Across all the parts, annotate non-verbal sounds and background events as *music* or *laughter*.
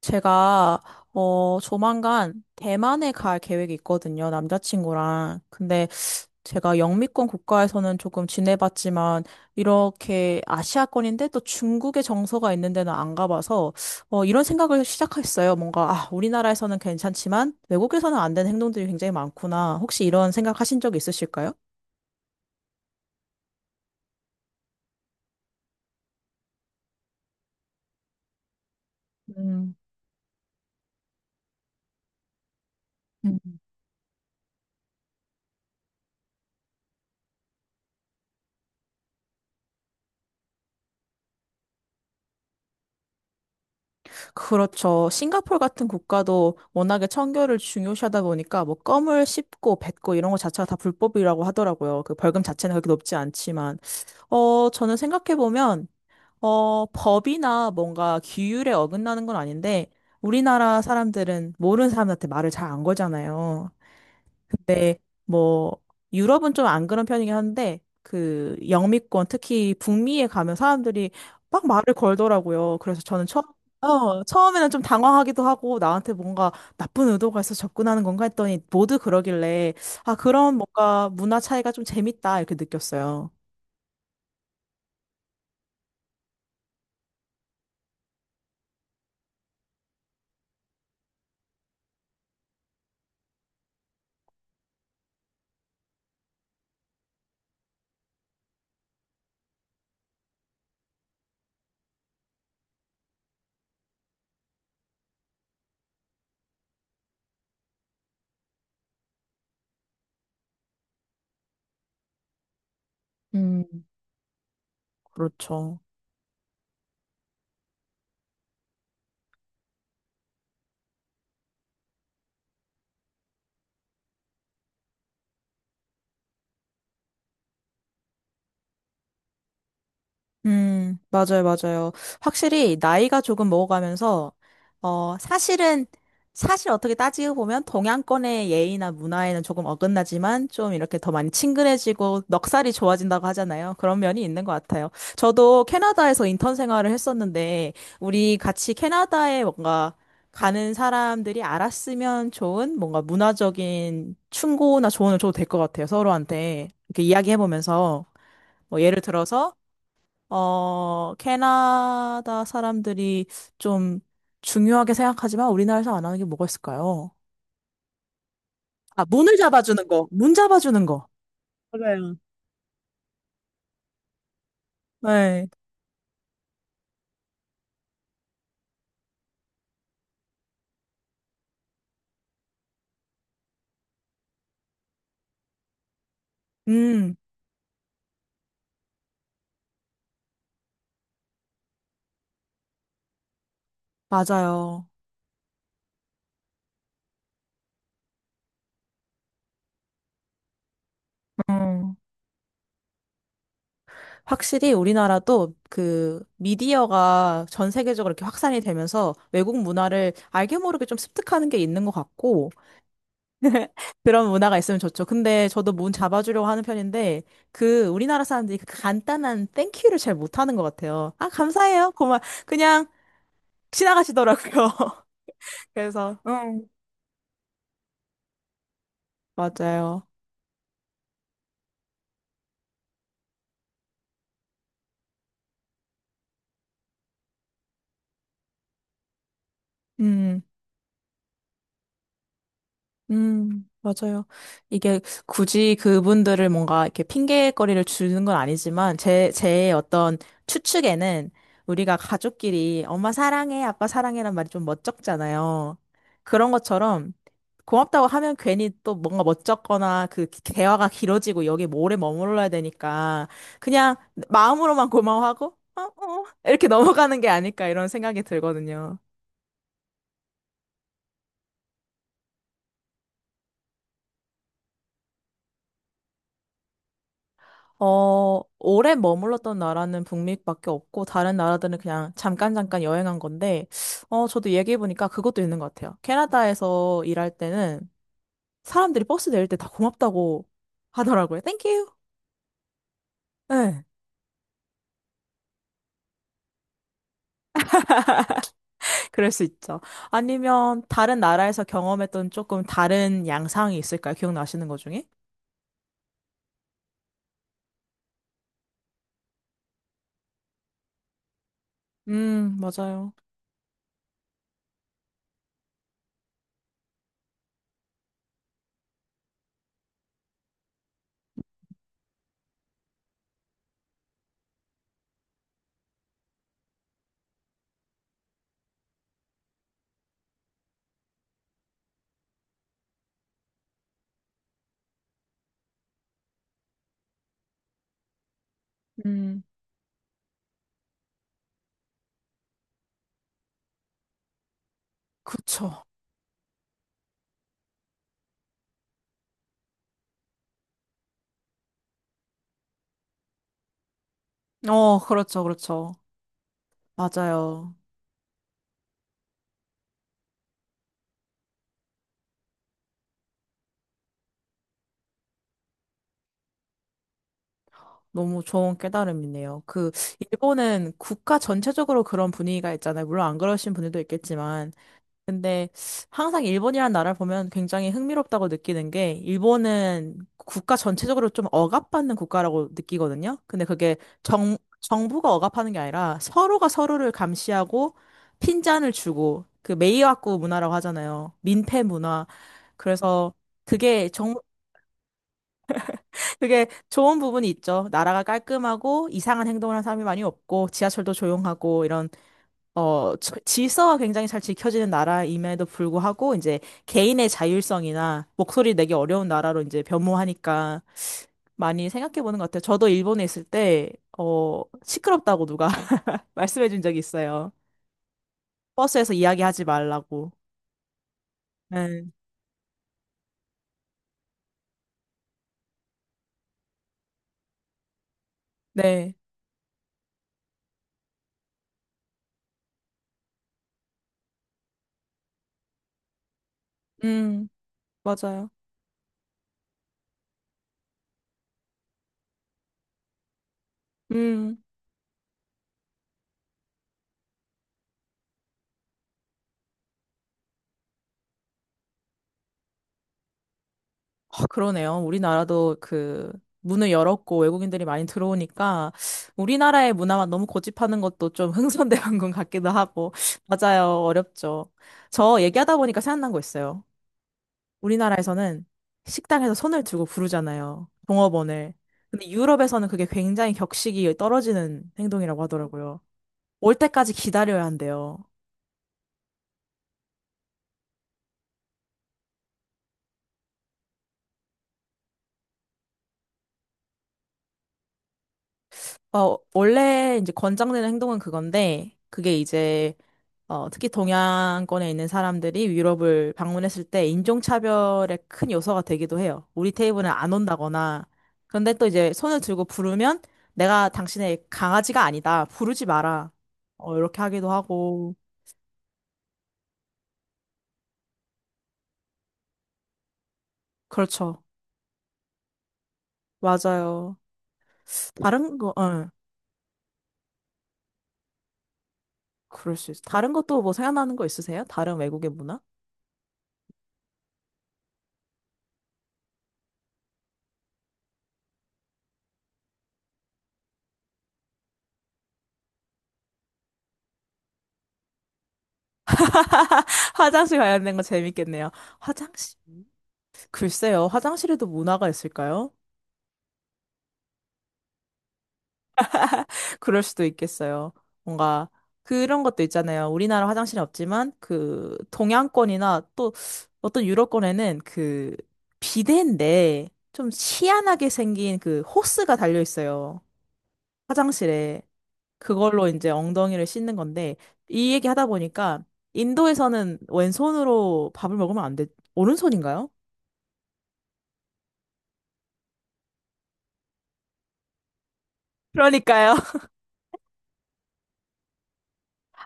제가 조만간 대만에 갈 계획이 있거든요. 남자친구랑. 근데 제가 영미권 국가에서는 조금 지내봤지만 이렇게 아시아권인데 또 중국의 정서가 있는 데는 안 가봐서 이런 생각을 시작했어요. 뭔가 아 우리나라에서는 괜찮지만 외국에서는 안 되는 행동들이 굉장히 많구나. 혹시 이런 생각 하신 적 있으실까요? 음. 그렇죠. 싱가포르 같은 국가도 워낙에 청결을 중요시하다 보니까 뭐 껌을 씹고 뱉고 이런 거 자체가 다 불법이라고 하더라고요. 그 벌금 자체는 그렇게 높지 않지만. 어, 저는 생각해보면, 어, 법이나 뭔가 규율에 어긋나는 건 아닌데, 우리나라 사람들은 모르는 사람한테 말을 잘 안 거잖아요. 뭐, 유럽은 좀 안 그런 편이긴 한데, 그, 영미권, 특히 북미에 가면 사람들이 막 말을 걸더라고요. 그래서 저는 처음, 어, 처음에는 좀 당황하기도 하고, 나한테 뭔가 나쁜 의도가 있어 접근하는 건가 했더니, 모두 그러길래, 아, 그런 뭔가 문화 차이가 좀 재밌다, 이렇게 느꼈어요. 음. 그렇죠. 맞아요, 맞아요. 확실히 나이가 조금 먹어가면서, 어, 사실은, 사실 어떻게 따지고 보면 동양권의 예의나 문화에는 조금 어긋나지만 좀 이렇게 더 많이 친근해지고 넉살이 좋아진다고 하잖아요. 그런 면이 있는 것 같아요. 저도 캐나다에서 인턴 생활을 했었는데, 우리 같이 캐나다에 뭔가 가는 사람들이 알았으면 좋은 뭔가 문화적인 충고나 조언을 줘도 될 것 같아요. 서로한테. 이렇게 이야기해보면서. 뭐 예를 들어서, 어, 캐나다 사람들이 좀 중요하게 생각하지만 우리나라에서 안 하는 게 뭐가 있을까요? 아, 문을 잡아주는 거. 문 잡아주는 거. 맞아요. 네. 음, 맞아요. 음. 확실히 우리나라도 그 미디어가 전 세계적으로 이렇게 확산이 되면서 외국 문화를 알게 모르게 좀 습득하는 게 있는 것 같고, *laughs* 그런 문화가 있으면 좋죠. 근데 저도 문 잡아주려고 하는 편인데, 그, 우리나라 사람들이 그 간단한 땡큐를 잘 못하는 것 같아요. 아, 감사해요. 고마. 그냥 지나가시더라고요. *laughs* 그래서, 응. 맞아요. 음. 맞아요. 이게 굳이 그분들을 뭔가 이렇게 핑계거리를 주는 건 아니지만, 제 어떤 추측에는 우리가 가족끼리 엄마 사랑해, 아빠 사랑해란 말이 좀 멋쩍잖아요. 그런 것처럼 고맙다고 하면 괜히 또 뭔가 멋쩍거나 그 대화가 길어지고 여기 에 오래 머물러야 되니까 그냥 마음으로만 고마워하고, 이렇게 *laughs* 넘어가는 게 아닐까 이런 생각이 들거든요. 어, 오래 머물렀던 나라는 북미밖에 없고, 다른 나라들은 그냥 잠깐 잠깐 여행한 건데, 어, 저도 얘기해보니까 그것도 있는 것 같아요. 캐나다에서 일할 때는 사람들이 버스 내릴 때 다 고맙다고 하더라고요. 땡큐. 네, *laughs* 그럴 수 있죠. 아니면 다른 나라에서 경험했던 조금 다른 양상이 있을까요? 기억나시는 것 중에? 맞아요. 음, 그쵸. 어, 그렇죠, 그렇죠. 맞아요. 너무 좋은 깨달음이네요. 그, 일본은 국가 전체적으로 그런 분위기가 있잖아요. 물론 안 그러신 분들도 있겠지만. 근데 항상 일본이라는 나라를 보면 굉장히 흥미롭다고 느끼는 게, 일본은 국가 전체적으로 좀 억압받는 국가라고 느끼거든요. 근데 그게 정부가 억압하는 게 아니라 서로가 서로를 감시하고 핀잔을 주고, 그 메이와쿠 문화라고 하잖아요. 민폐 문화. 그래서 그게 정말 그게 좋은 부분이 있죠. 나라가 깔끔하고 이상한 행동을 하는 사람이 많이 없고 지하철도 조용하고 이런 질서가 굉장히 잘 지켜지는 나라임에도 불구하고 이제 개인의 자율성이나 목소리 내기 어려운 나라로 이제 변모하니까 많이 생각해 보는 것 같아요. 저도 일본에 있을 때 시끄럽다고 누가 *laughs* 말씀해 준 적이 있어요. 버스에서 이야기하지 말라고. 네. 네. 음, 맞아요. 음. 아, 그러네요. 우리나라도 그 문을 열었고 외국인들이 많이 들어오니까 우리나라의 문화만 너무 고집하는 것도 좀 흥선대원군 *laughs* 같기도 하고 맞아요. 어렵죠. 저 얘기하다 보니까 생각난 거 있어요. 우리나라에서는 식당에서 손을 들고 부르잖아요. 종업원을. 근데 유럽에서는 그게 굉장히 격식이 떨어지는 행동이라고 하더라고요. 올 때까지 기다려야 한대요. 어, 원래 이제 권장되는 행동은 그건데 그게 이제 어, 특히 동양권에 있는 사람들이 유럽을 방문했을 때 인종차별의 큰 요소가 되기도 해요. 우리 테이블은 안 온다거나. 그런데 또 이제 손을 들고 부르면 내가 당신의 강아지가 아니다. 부르지 마라. 어, 이렇게 하기도 하고. 그렇죠. 맞아요. 다른 거, 어. 그럴 수 있어. 다른 것도 뭐 생각나는 거 있으세요? 다른 외국의 문화? *laughs* 화장실 관련된 거 재밌겠네요. 화장실? 글쎄요, 화장실에도 문화가 있을까요? 그럴 수도 있겠어요. 뭔가 그런 것도 있잖아요. 우리나라 화장실은 없지만 그 동양권이나 또 어떤 유럽권에는 그 비데인데 좀 희한하게 생긴 그 호스가 달려 있어요. 화장실에. 그걸로 이제 엉덩이를 씻는 건데 이 얘기 하다 보니까 인도에서는 왼손으로 밥을 먹으면 안 돼. 오른손인가요? 그러니까요.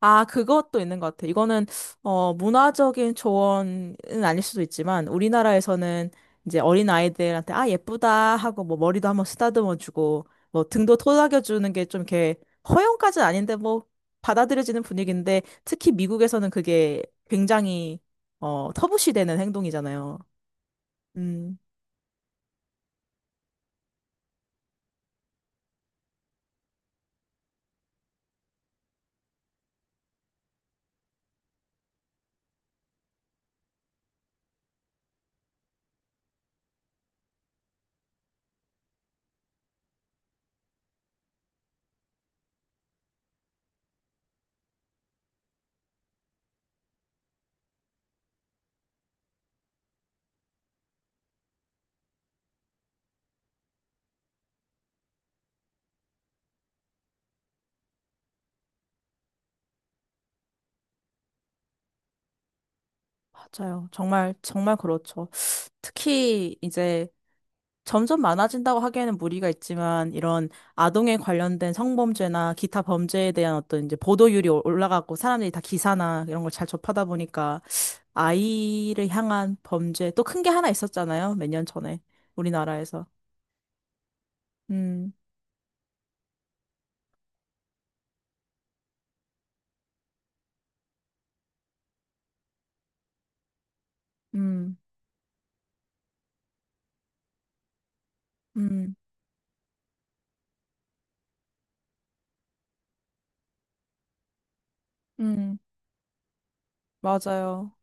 아, 그것도 있는 것 같아. 이거는, 어, 문화적인 조언은 아닐 수도 있지만, 우리나라에서는 이제 어린 아이들한테, 아, 예쁘다 하고, 뭐, 머리도 한번 쓰다듬어 주고, 뭐, 등도 토닥여 주는 게 좀 이렇게, 허용까지는 아닌데, 뭐, 받아들여지는 분위기인데, 특히 미국에서는 그게 굉장히, 어, 터부시되는 행동이잖아요. 음, 맞아요. 정말, 정말 그렇죠. 특히, 이제, 점점 많아진다고 하기에는 무리가 있지만 이런 아동에 관련된 성범죄나 기타 범죄에 대한 어떤 이제 올라가고 사람들이 다 기사나 이런 걸 잘 접하다 보니까 아이를 향한 범죄 또 큰 게 하나 있었잖아요. 몇 년 전에 우리나라에서. 음, 음, 음, 음, 맞아요.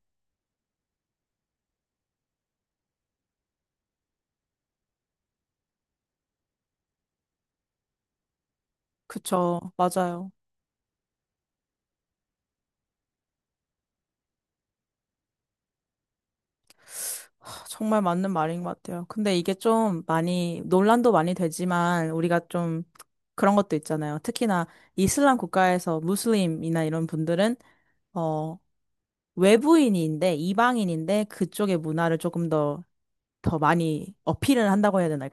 그쵸, 맞아요. 하, 정말 맞는 말인 것 같아요. 근데 이게 좀 많이 논란도 많이 되지만 우리가 좀 그런 것도 있잖아요. 특히나 이슬람 국가에서 무슬림이나 이런 분들은 어 외부인인데 이방인인데 그쪽의 문화를 조금 더 더 많이 어필을 한다고 해야 되나요?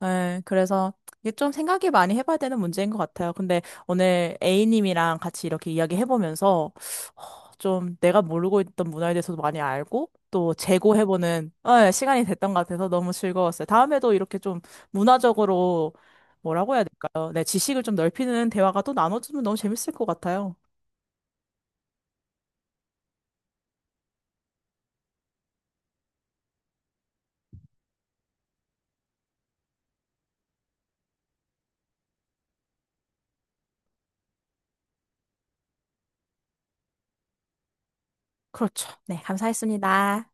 네, 그래서 이게 좀 생각이 많이 해봐야 되는 문제인 것 같아요. 근데 오늘 A님이랑 같이 이렇게 이야기해보면서 어, 좀 내가 모르고 있던 문화에 대해서도 많이 알고 또 재고해보는 네, 시간이 됐던 것 같아서 너무 즐거웠어요. 다음에도 이렇게 좀 문화적으로 뭐라고 해야 될까요? 네, 지식을 좀 넓히는 대화가 또 나눠주면 너무 재밌을 것 같아요. 그렇죠. 네, 감사했습니다.